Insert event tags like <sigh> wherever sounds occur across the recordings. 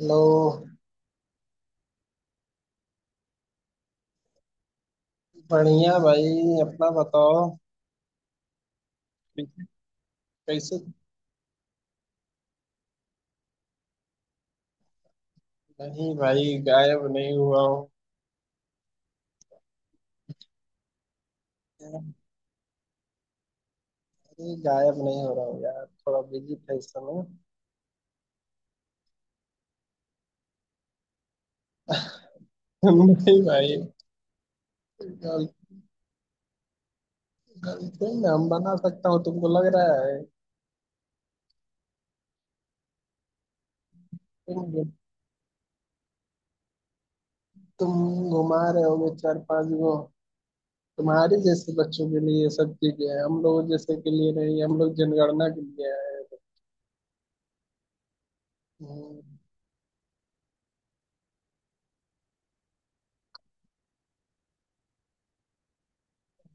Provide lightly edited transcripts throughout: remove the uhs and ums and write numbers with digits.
लो। बढ़िया भाई, अपना बताओ। कैसे? नहीं भाई, गायब नहीं हुआ हूँ। अरे गायब नहीं हो रहा हूँ यार, थोड़ा बिजी था इस समय। <laughs> नहीं भाई। गर्लफ्रेंड। गर्लफ्रेंड हम बना सकता हूँ तुमको लग रहा है? तुम तुम घुमा रहे होगे चार पांच गो। तुम्हारी जैसे बच्चों के लिए ये सब चीजें हैं, हम लोग जैसे के लिए नहीं, हम लोग जनगणना के लिए आए हैं। हम्म,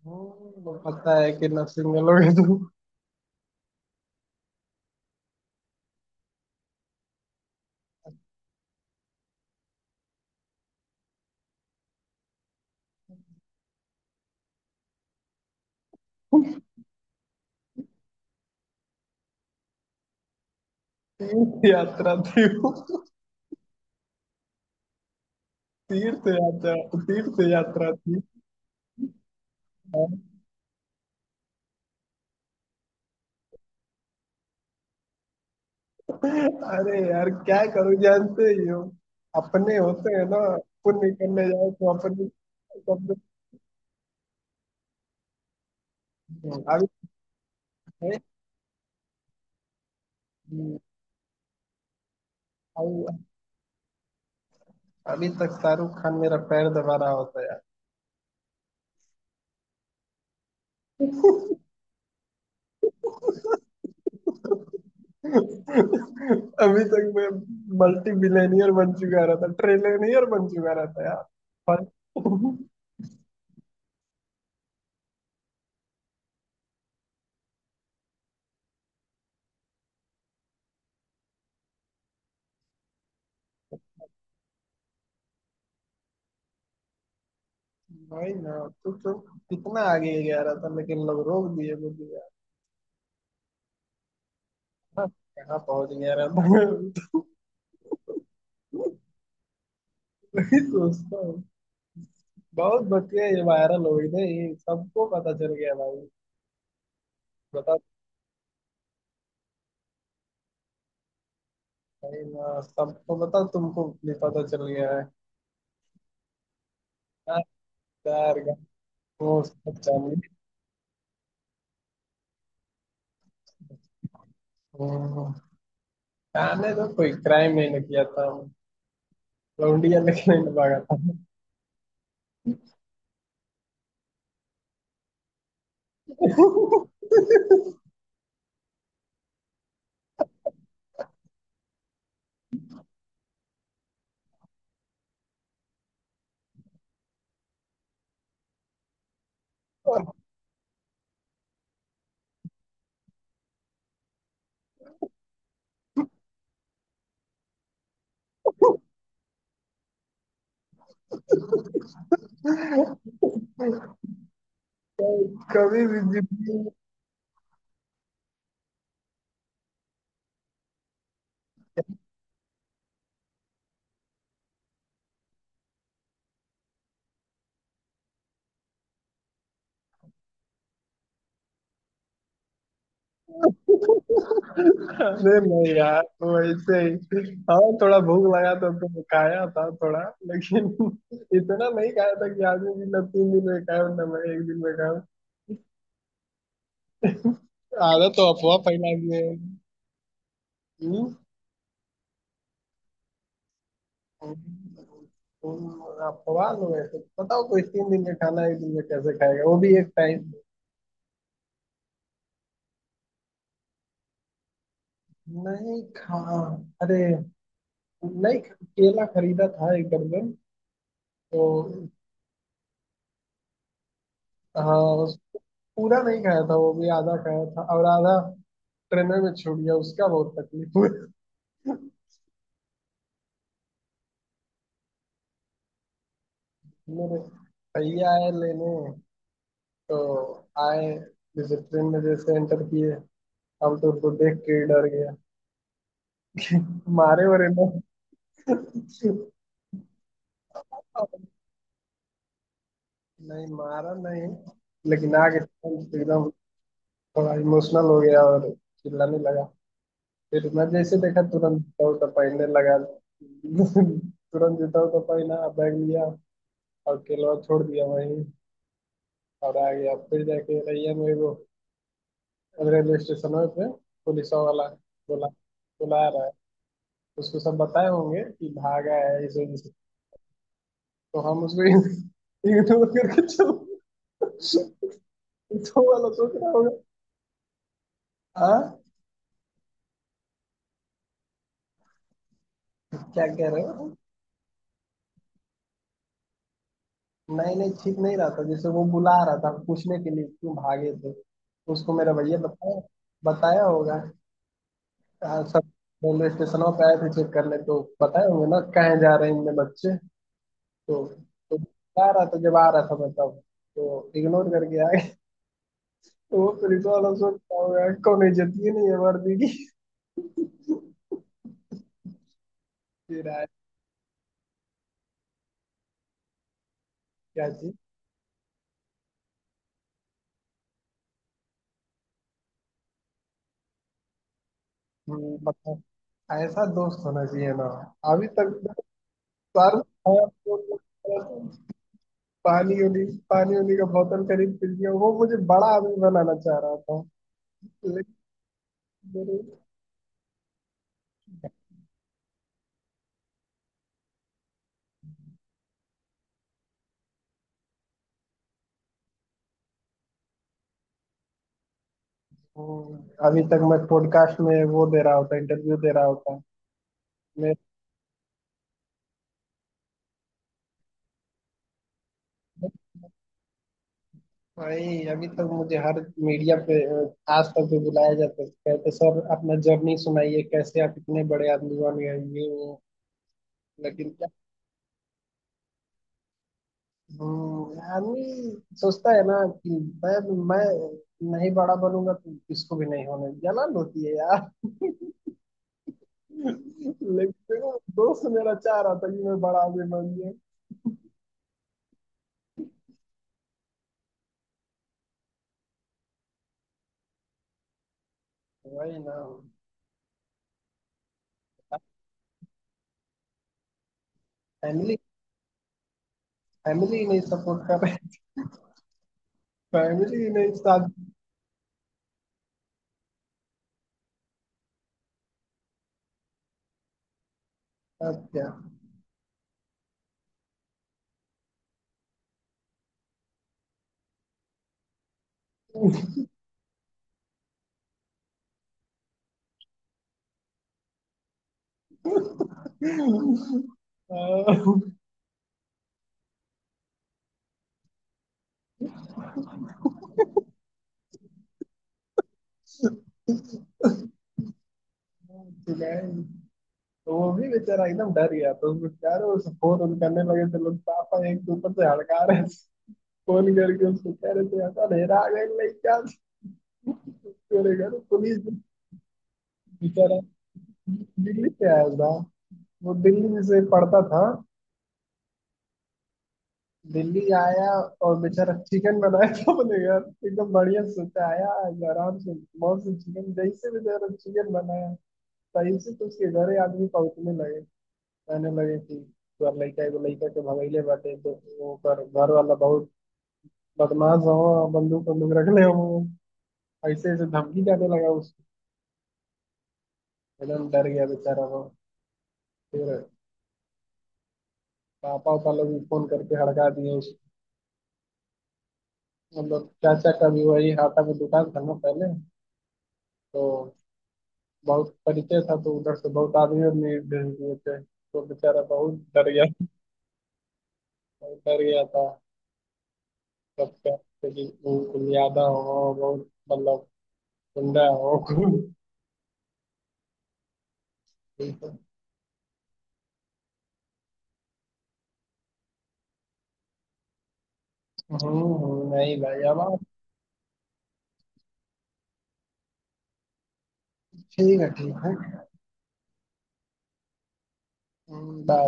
पता है कि नर्सिंग में लोग। <laughs> यात्रा थी वो। तीर्थ यात्रा। तीर्थ यात्रा। तीर्थ। अरे यार क्या करूं, जानते ही हो। अपने होते हैं ना। पुण्य करने जाओ तो अपने। सब। अभी अभी अभी तक शाहरुख खान मेरा पैर दबा रहा होता है यार। अभी तक मैं मल्टी बिलियनियर बन चुका रहता, ट्रिलियनियर बन चुका रहता यार। पर। वही ना। तू तो। कितना आगे गया रहता लेकिन लोग रोक दिए मुझे यार। हाँ, कहाँ पहुंच गया रहता। <laughs> दोस्तों। बहुत बतिया ये वायरल हो गई ना, ये सबको पता चल गया भाई। बता। भाई ना सबको बता, तुमको भी पता चल गया है। हाँ, यार। वो सब जाने। हम्म, जाने तो कोई क्राइम नहीं ना किया था। लौंडिया लेके नहीं ना भागा था। <laughs> और। कभी भी जिंदगी। अरे नहीं यार, वैसे ही। हाँ, थोड़ा भूख लगा था तो खाया था थोड़ा। लेकिन। इतना नहीं खाया था कि आदमी भी ना तीन दिन में खाया ना मैं एक दिन में खाया। आदत तो अफवाह फैला दिए हैं। हम्म? हम्म, अफवाह। लोग ऐसे बताओ, कोई तीन दिन में खाना एक दिन में कैसे खाएगा, वो भी एक टाइम। नहीं खा। अरे। नहीं, केला खरीदा था एक दर्जन। तो। हाँ, पूरा नहीं खाया था, वो भी आधा खाया था और आधा ट्रेन में छूट गया, उसका बहुत तकलीफ हुई। मेरे। भैया आए लेने। तो। आए। जैसे ट्रेन में जैसे एंटर किए, हम तो उनको देख के ही डर गया। मारे वरे ना। नहीं, मारा नहीं। लेकिन आगे। एकदम। थोड़ा इमोशनल हो गया और चिल्लाने लगा। फिर मैं जैसे देखा, तुरंत जूता उता पहनने लगा। <laughs> तुरंत जूता उता पहना, बैग लिया और केलवा छोड़ दिया वहीं। और आ गया फिर जाके रैया में वो। रेलवे स्टेशन है पे पुलिस वाला बोला, बुला रहा है। उसको सब बताए होंगे कि भागा है इस वजह से। तो हम उसको इग्नोर करके चल। तो वाला सोच रहा होगा। हाँ। क्या कह रहे हो। नहीं नहीं, ठीक नहीं रहा था, जैसे वो बुला रहा था पूछने के लिए क्यों भागे थे। उसको मेरा भैया बताया, बताया होगा। हाँ, सब रेलवे स्टेशन पे आए थे चेक करने, तो बताए होंगे ना कहाँ जा रहे हैं, इनमें बच्चे। तो तो जा रहा था जब आ रहा था मैं तब, तो इग्नोर करके आ गया। वो पुलिस वाला सोचता होगा, कौन इज्जत ही नहीं है वर्दी की। फिर आया। क्या चीज। मतलब ऐसा दोस्त होना चाहिए ना। अभी तक मैंने सारे खाया, तो मैं पानी उनी, पानी उनी का बोतल खरीद पी लिया। वो मुझे बड़ा आदमी बनाना चाह रहा था। लेकिन। मेरे- हम्म, अभी तक मैं पॉडकास्ट में वो दे रहा होता, इंटरव्यू दे रहा होता। भाई अभी तक मुझे हर मीडिया पे आज तक भी बुलाया जाता है, कहते सर अपना जर्नी सुनाइए, कैसे आप इतने बड़े आदमी बन गए, ये वो। लेकिन क्या। आदमी सोचता है ना कि मैं मैं नहीं बड़ा बनूंगा तो किसको भी नहीं होने जलन होती है यार। लेकिन देखो, दोस्त मेरा चाह रहा था कि मैं बड़ा आदमी बन जाए। वही ना। फैमिली फैमिली नहीं सपोर्ट कर रही। फैमिली नहीं साथ। अब क्या। <laughs> अ, तो वो भी बेचारा एकदम डर गया। तो उसको क्या रहे, उस फोन ऑन करने लगे थे लोग, पापा एक के ऊपर से हड़का रहे थे, फोन करके उसको कह रहे थे, ऐसा अंधेरा आ गया नहीं क्या, मेरे घर पुलिस। बेचारा दिल्ली से आया था। वो दिल्ली से पढ़ता था। दिल्ली आया। और बेचारा चिकन बनाया था अपने घर, एकदम बढ़िया सोचा आया आराम से। बहुत से चिकन जैसे बेचारा चिकन बनाया, तैसे तो उसके घर ही आदमी पहुंचने लगे। कहने लगे कि तोहर लइका एगो लइका के भगैले बाटे, तो ओकर घर वाला बहुत बदमाश हो, बंदूक बंदूक रखले हो, ऐसे ऐसे धमकी जाने लगा उसको। एकदम डर गया बेचारा वो। फिर पापा उपा लोग भी फोन करके हड़का दिए उसको। मतलब चाचा का भी वही हाटा में दुकान था ना पहले, तो बहुत परिचय था, तो उधर से बहुत आदमी आदमी भेज दिए थे, तो बेचारा बहुत डर गया। बहुत डर गया था। सबका, क्योंकि वो कुलियादा हो बहुत, मतलब गुंडा हो। <laughs> नहीं भाई अब आप। ठीक है, ठीक है। बाय।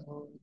हम्म।